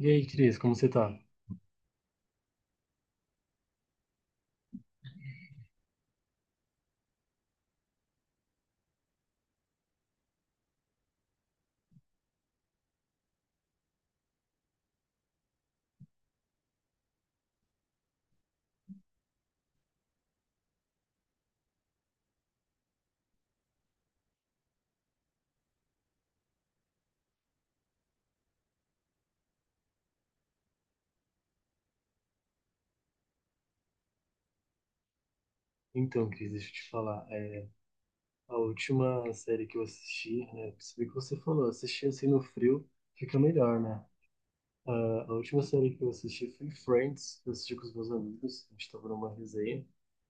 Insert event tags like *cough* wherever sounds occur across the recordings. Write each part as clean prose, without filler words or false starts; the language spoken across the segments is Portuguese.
E aí, Cris, como você tá? Então, Cris, deixa eu te falar. A última série que eu assisti, né? Percebi que você falou, assistir assim no frio fica melhor, né? Ah, a última série que eu assisti foi Friends, que eu assisti com os meus amigos, a gente tava numa resenha,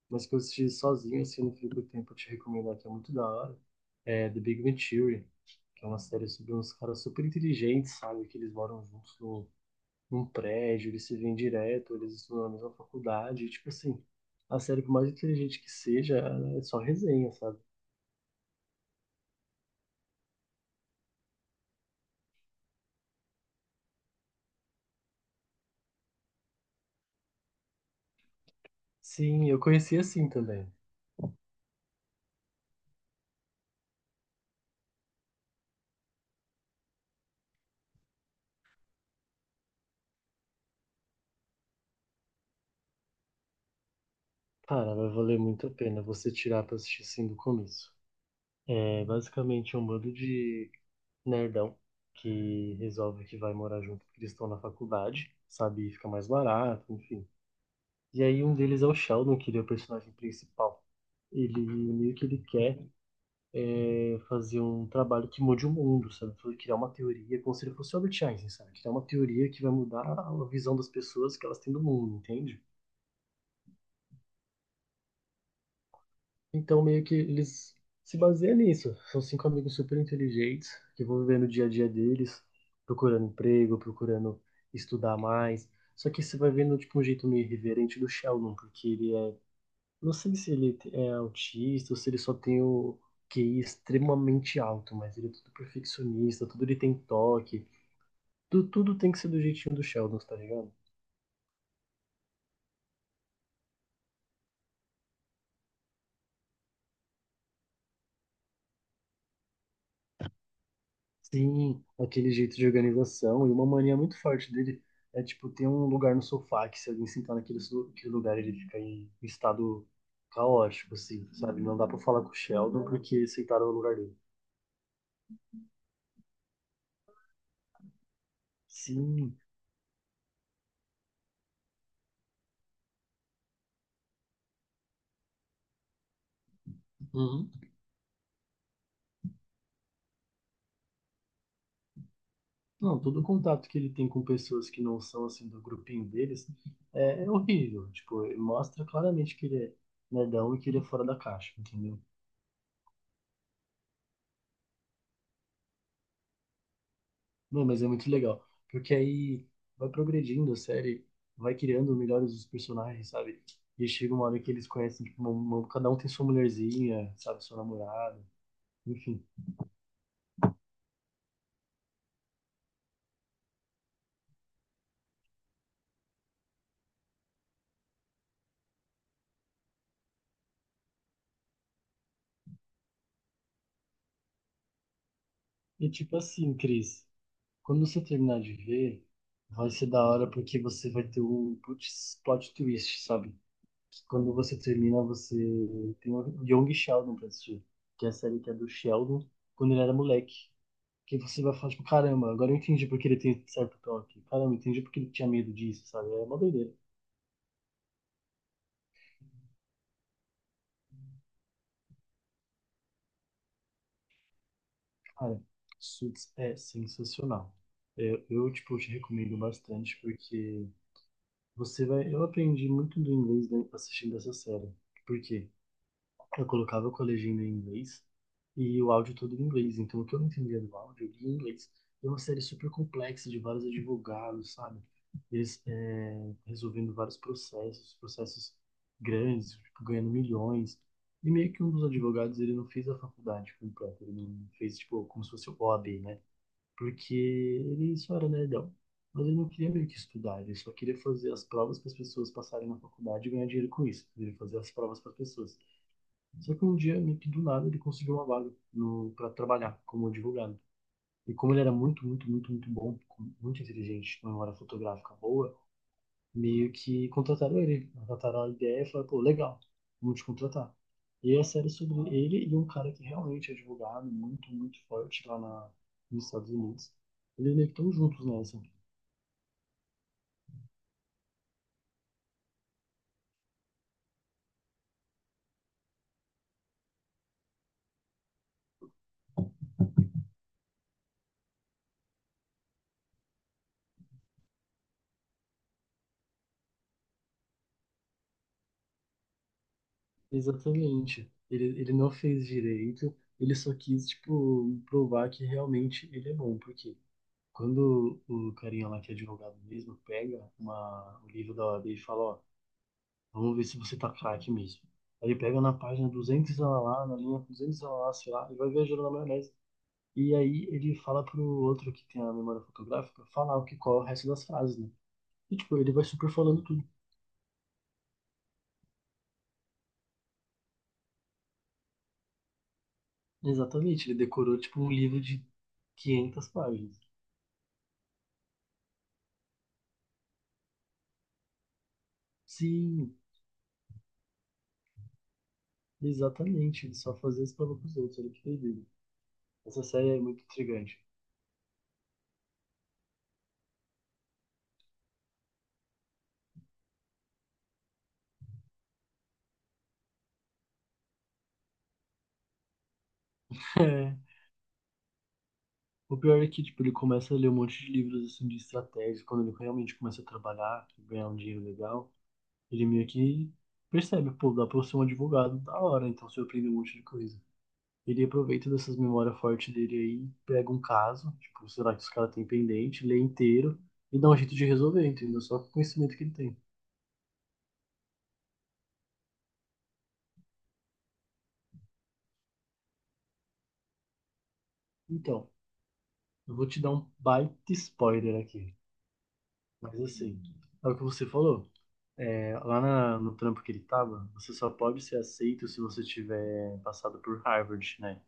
mas que eu assisti sozinho, assim, no frio do tempo, eu te recomendar que é muito da hora. É The Big Bang Theory, que é uma série sobre uns caras super inteligentes, sabe? Que eles moram juntos num prédio, eles se veem direto, eles estudam na mesma faculdade, tipo assim, a série, por mais inteligente que seja, ela é só resenha, sabe? Sim, eu conheci assim também. Cara, vai valer muito a pena você tirar pra assistir assim do começo. É basicamente um bando de nerdão que resolve que vai morar junto porque eles estão na faculdade, sabe? E fica mais barato, enfim. E aí um deles é o Sheldon, que ele é o personagem principal. Ele meio que ele quer fazer um trabalho que mude o mundo, sabe? Criar uma teoria, como se ele fosse o Albert Einstein, sabe? Criar uma teoria que vai mudar a visão das pessoas que elas têm do mundo, entende? Então, meio que eles se baseiam nisso. São cinco amigos super inteligentes que vão viver no dia a dia deles, procurando emprego, procurando estudar mais. Só que você vai vendo, tipo, um jeito meio irreverente do Sheldon, porque ele é... Não sei se ele é autista ou se ele só tem o QI extremamente alto, mas ele é tudo perfeccionista, tudo ele tem toque. Tudo tem que ser do jeitinho do Sheldon, tá ligado? Sim, aquele jeito de organização e uma mania muito forte dele é, tipo, ter um lugar no sofá que se alguém sentar aquele lugar ele fica em estado caótico, assim, sabe? Não dá pra falar com o Sheldon porque sentaram no lugar dele. Sim. Uhum. Não, todo contato que ele tem com pessoas que não são, assim, do grupinho deles é horrível. Tipo, ele mostra claramente que ele é nerdão e que ele é fora da caixa, entendeu? Não, mas é muito legal, porque aí vai progredindo a série, vai criando melhores os personagens, sabe? E chega uma hora que eles conhecem, tipo, cada um tem sua mulherzinha, sabe, sua namorada, enfim. E tipo assim, Cris, quando você terminar de ver, vai ser da hora porque você vai ter um putz, plot twist, sabe? Que Quando você termina, você tem o Young Sheldon pra assistir, que é a série que é do Sheldon quando ele era moleque. Que você vai falar, tipo, caramba, agora eu entendi porque ele tem certo toque. Caramba, eu entendi porque ele tinha medo disso, sabe? É uma doideira. Cara, Suits é sensacional. Tipo, te recomendo bastante porque você vai. Eu aprendi muito do inglês, né, assistindo essa série. Por quê? Eu colocava o legenda em inglês e o áudio todo em inglês. Então, o que eu não entendia do áudio, eu lia em inglês. É uma série super complexa de vários advogados, sabe? Eles resolvendo vários processos, processos grandes, tipo, ganhando milhões. E meio que um dos advogados, ele não fez a faculdade completa, ele não fez, tipo, como se fosse o OAB, né? Porque ele só era nerdão. Mas ele não queria meio que estudar, ele só queria fazer as provas para as pessoas passarem na faculdade e ganhar dinheiro com isso. Ele queria fazer as provas para as pessoas. Só que um dia, meio que do nada, ele conseguiu uma vaga no, para trabalhar como advogado. E como ele era muito, muito, muito, muito bom, muito inteligente, com uma memória fotográfica boa, meio que contrataram ele. Contrataram a ideia e falaram, pô, legal, vamos te contratar. E a série é sobre ele e um cara que realmente é advogado, muito, muito forte nos Estados Unidos. Eles meio que estão juntos nessa. Exatamente. Ele não fez direito, ele só quis, tipo, provar que realmente ele é bom. Porque Quando o carinha lá que é advogado mesmo pega o livro da OAB e fala, ó, vamos ver se você tá craque mesmo. Aí ele pega na página 200 ela lá, na linha 200 ela lá, sei lá, e vai viajando na maionese. E aí ele fala pro outro que tem a memória fotográfica falar o que qual é o resto das frases, né? E tipo, ele vai super falando tudo. Exatamente, ele decorou tipo um livro de 500 páginas. Sim, exatamente, ele só fazia isso para os outros, ele que fez ele. Essa série é muito intrigante. *laughs* O pior é que, tipo, ele começa a ler um monte de livros, assim, de estratégia. Quando ele realmente começa a trabalhar, ganhar um dinheiro legal, ele meio que percebe, pô, dá pra eu ser um advogado da hora, então se eu aprender um monte de coisa. Ele aproveita dessas memórias fortes dele aí, pega um caso, tipo, será que os caras têm pendente, lê inteiro e dá um jeito de resolver, entendeu? Só com o conhecimento que ele tem. Então, eu vou te dar um baita spoiler aqui. Mas assim, é o que você falou. É, no trampo que ele tava, você só pode ser aceito se você tiver passado por Harvard, né?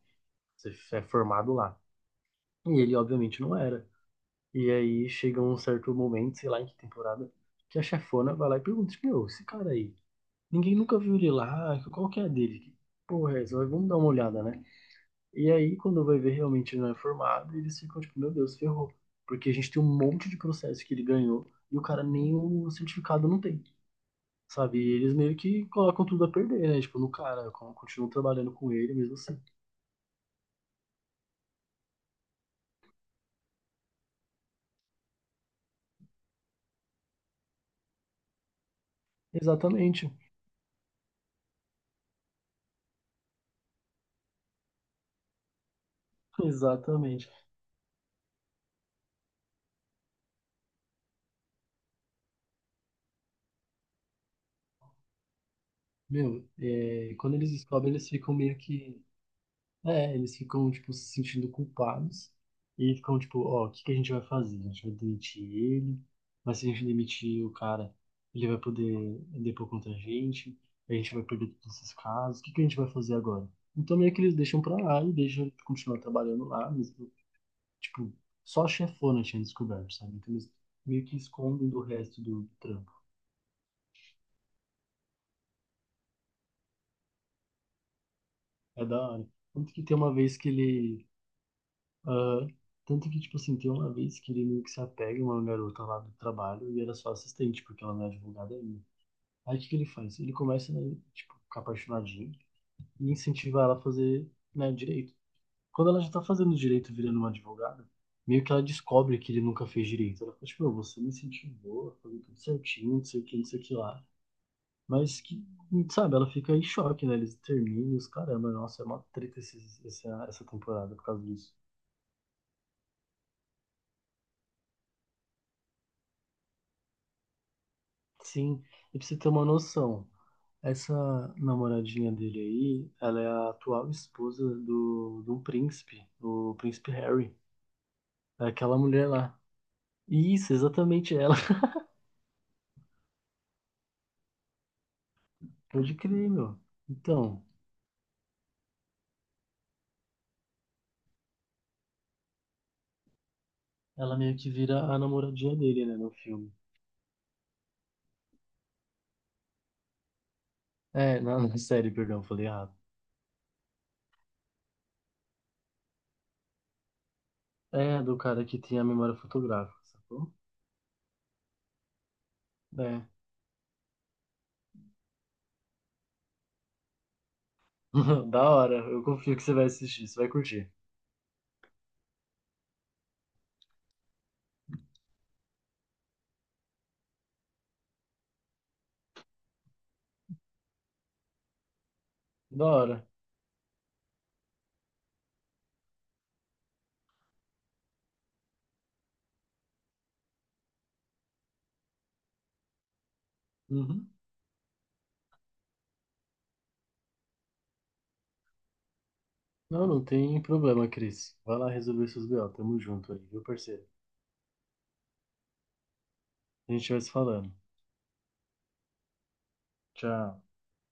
Você é formado lá. E ele, obviamente, não era. E aí chega um certo momento, sei lá em que temporada, que a chefona vai lá e pergunta: tipo, meu, esse cara aí, ninguém nunca viu ele lá, qual que é a dele? Que porra é essa? Vamos dar uma olhada, né? E aí, quando vai ver realmente ele não é formado, eles ficam tipo: meu Deus, ferrou. Porque a gente tem um monte de processo que ele ganhou e o cara nem o certificado não tem. Sabe? E eles meio que colocam tudo a perder, né? Tipo, no cara, continuam trabalhando com ele mesmo assim. Exatamente. *laughs* Exatamente. Quando eles descobrem, eles ficam meio que. É, eles ficam, tipo, se sentindo culpados. E ficam, tipo, ó, o que que a gente vai fazer? A gente vai demitir ele, mas se a gente demitir o cara, ele vai poder depor contra a gente vai perder todos esses casos, o que que a gente vai fazer agora? Então meio que eles deixam pra lá e deixam ele continuar trabalhando lá, mesmo. Tipo, só a chefona tinha descoberto, sabe? Então eles meio que escondem do resto do trampo. É da hora. Tanto que tem uma vez que ele. ah, Tanto que, tipo assim, tem uma vez que ele meio que se apega a uma garota lá do trabalho e era só assistente, porque ela não é advogada ainda. Aí o que que ele faz? Ele começa, né, tipo, ficar apaixonadinho e incentiva ela a fazer, né, direito. Quando ela já tá fazendo direito, virando uma advogada, meio que ela descobre que ele nunca fez direito. Ela fala, tipo, "Meu, você me incentivou a fazer tudo certinho, não sei o que, não sei o que lá. Mas que, sabe, ela fica em choque, né? Eles terminam e os caramba, nossa, é uma treta essa, essa temporada por causa disso. Sim, e pra você ter uma noção, essa namoradinha dele aí, ela é a atual esposa do príncipe Harry, é aquela mulher lá. Isso, exatamente ela. *laughs* Pode crer, meu. Então, ela meio que vira a namoradinha dele, né, no filme. É, na série, *laughs* perdão, falei errado. É, do cara que tem a memória fotográfica, sacou? É. *laughs* Da hora, eu confio que você vai assistir, você vai curtir. Da hora. Uhum. Não, não tem problema, Cris. Vai lá resolver seus BO, tamo junto aí, viu, parceiro? A gente vai se falando. Tchau.